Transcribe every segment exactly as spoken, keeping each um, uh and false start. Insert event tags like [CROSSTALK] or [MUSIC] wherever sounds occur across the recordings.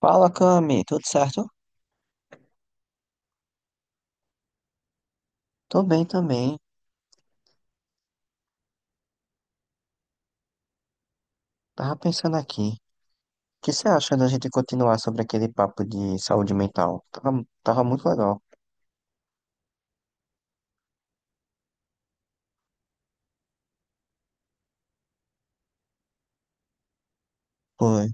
Fala, Cami, tudo certo? Tô bem também. Tava pensando aqui. O que você acha da gente continuar sobre aquele papo de saúde mental? Tava, tava muito legal. Foi.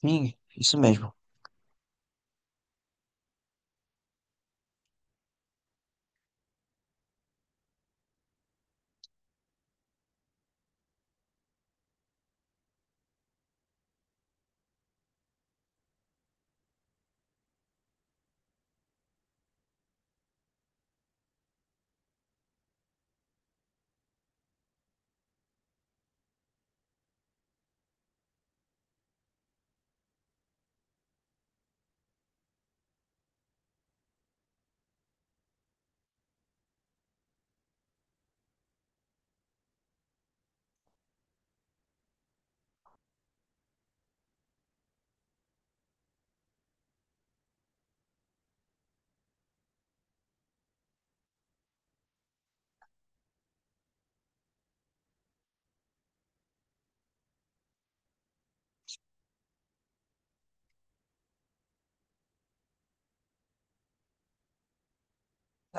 Sim, isso mesmo.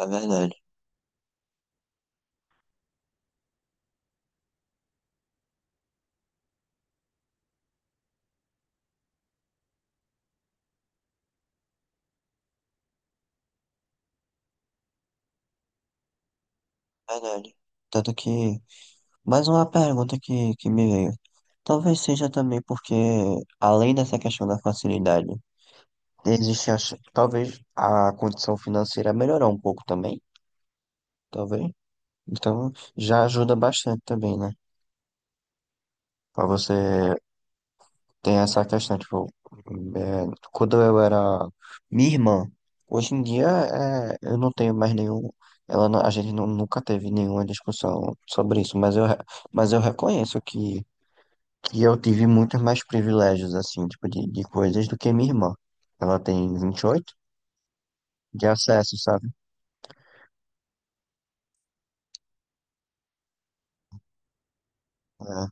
É verdade, é verdade. Tanto que, mais uma pergunta que, que me veio. Talvez seja também porque, além dessa questão da facilidade, existe a, ch- talvez a condição financeira melhorar um pouco também, talvez. Então, já ajuda bastante também, né? Pra você. Tem essa questão, tipo, é, quando eu era minha irmã, hoje em dia é, eu não tenho mais nenhum, ela não- a gente nu- nunca teve nenhuma discussão sobre isso, mas eu, re- mas eu reconheço que, que eu tive muitos mais privilégios, assim, tipo, de, de coisas do que minha irmã. Ela tem vinte e oito de acesso, sabe? É,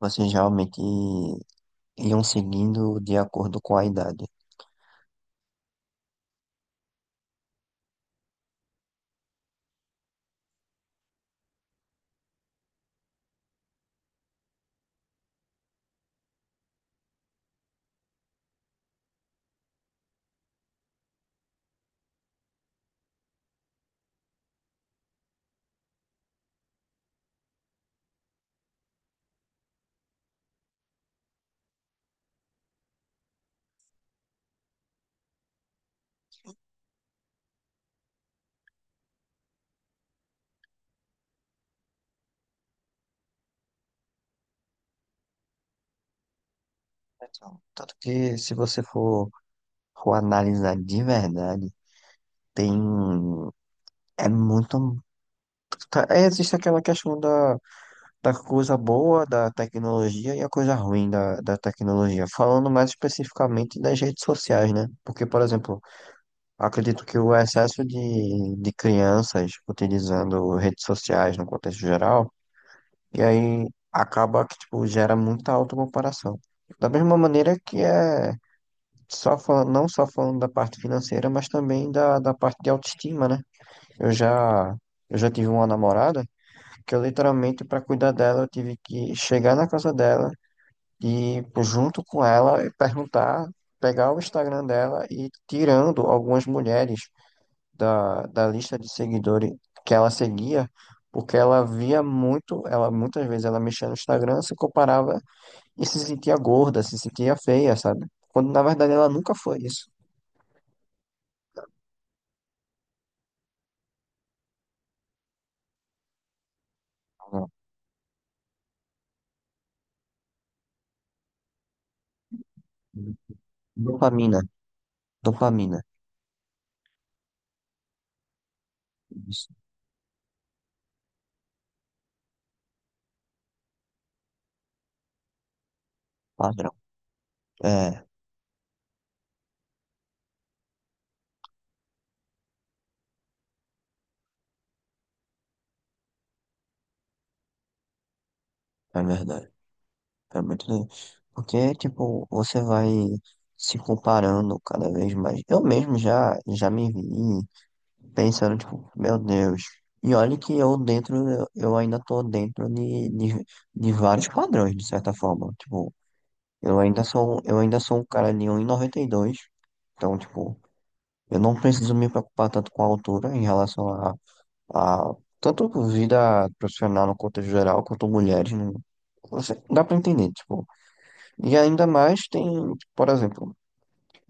vocês realmente iam seguindo de acordo com a idade. Então, tanto que se você for, for analisar de verdade, tem, é muito, tá- é, existe aquela questão da, da coisa boa da tecnologia e a coisa ruim da, da tecnologia, falando mais especificamente das redes sociais, né? Porque, por exemplo, acredito que o excesso de, de crianças utilizando redes sociais no contexto geral, e aí acaba que, tipo, gera muita autocomparação. Da mesma maneira que é só falando, não só falando da parte financeira, mas também da, da parte de autoestima, né? Eu já, eu já tive uma namorada que eu literalmente, para cuidar dela, eu tive que chegar na casa dela e, pô, junto com ela, e perguntar, pegar o Instagram dela e ir tirando algumas mulheres da, da lista de seguidores que ela seguia, porque ela via muito, ela muitas vezes ela mexia no Instagram, se comparava e se sentia gorda, se sentia feia, sabe? Quando na verdade ela nunca foi isso. Não. Dopamina, dopamina, isso, padrão. É, é verdade. É muito doido. Porque, tipo, você vai se comparando cada vez mais. Eu mesmo já, já me vi pensando, tipo, meu Deus. E olha que eu dentro, eu eu ainda tô dentro de, de, de vários padrões, de certa forma. Tipo, eu ainda sou, um, eu ainda sou um cara de um vírgula noventa e dois. Então, tipo, eu não preciso me preocupar tanto com a altura em relação a, a tanto vida profissional no contexto geral, quanto mulheres, né? Você, dá pra entender, tipo. E ainda mais tem, por exemplo,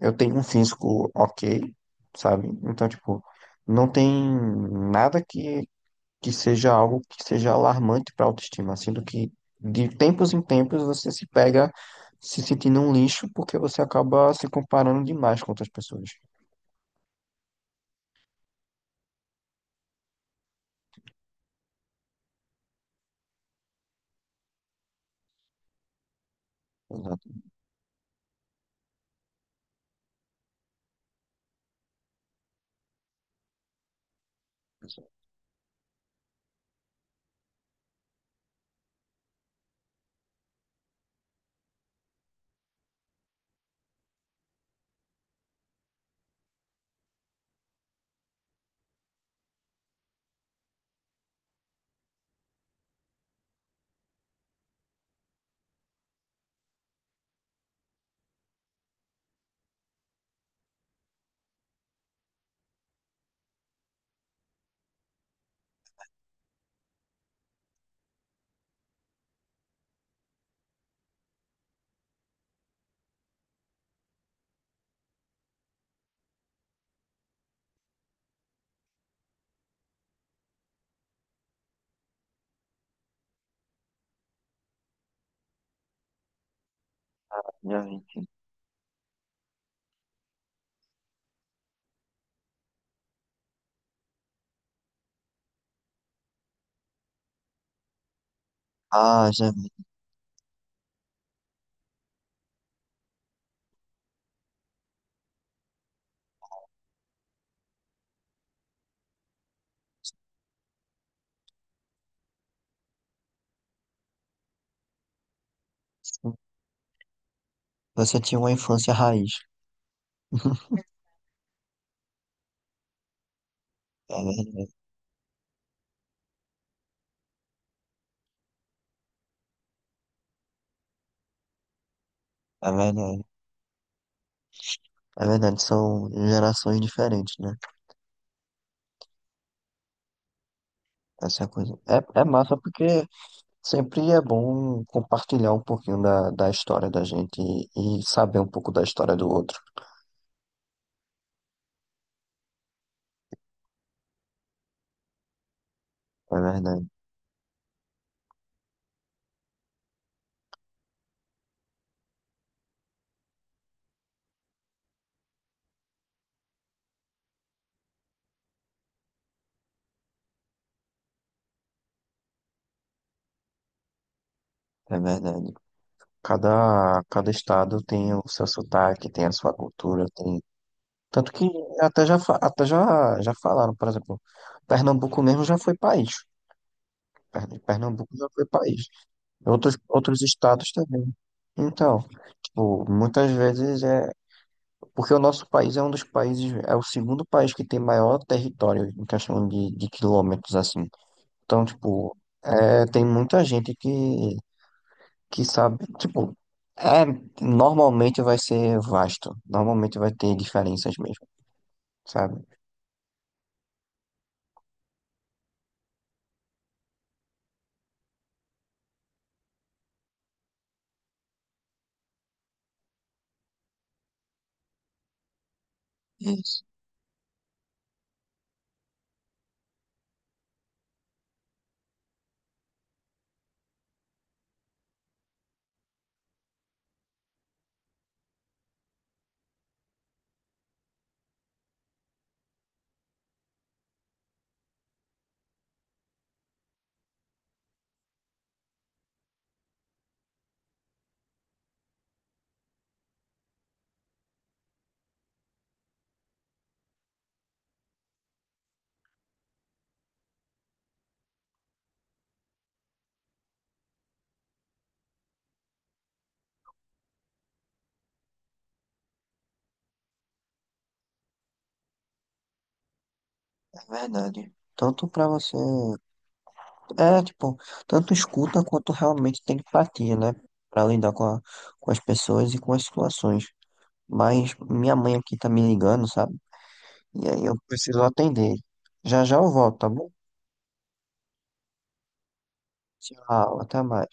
eu tenho um físico ok, sabe? Então, tipo, não tem nada que que seja algo que seja alarmante para a autoestima, sendo que de tempos em tempos você se pega se sentindo um lixo porque você acaba se comparando demais com outras pessoas. Exato. Já vi. Ah, já vi. Sim. Você tinha uma infância raiz. [LAUGHS] É verdade, é verdade. É verdade, são gerações diferentes, né? Essa é a coisa. É, é massa porque sempre é bom compartilhar um pouquinho da, da história da gente e, e saber um pouco da história do outro. É verdade, é verdade. Cada, cada estado tem o seu sotaque, tem a sua cultura, tem. Tanto que até já, fa- até já, já falaram, por exemplo, Pernambuco mesmo já foi país. Pern- Pernambuco já foi país. Outros, outros estados também. Então, tipo, muitas vezes é. Porque o nosso país é um dos países, é o segundo país que tem maior território em questão de, de quilômetros, assim. Então, tipo, é, tem muita gente que que sabe, tipo, é, normalmente vai ser vasto, normalmente vai ter diferenças mesmo, sabe? Isso, é verdade. Tanto pra você, é, tipo, tanto escuta quanto realmente tem empatia, né? Pra lidar com, a- com as pessoas e com as situações. Mas minha mãe aqui tá me ligando, sabe? E aí eu preciso atender. Já já eu volto, tá bom? Tchau, até mais.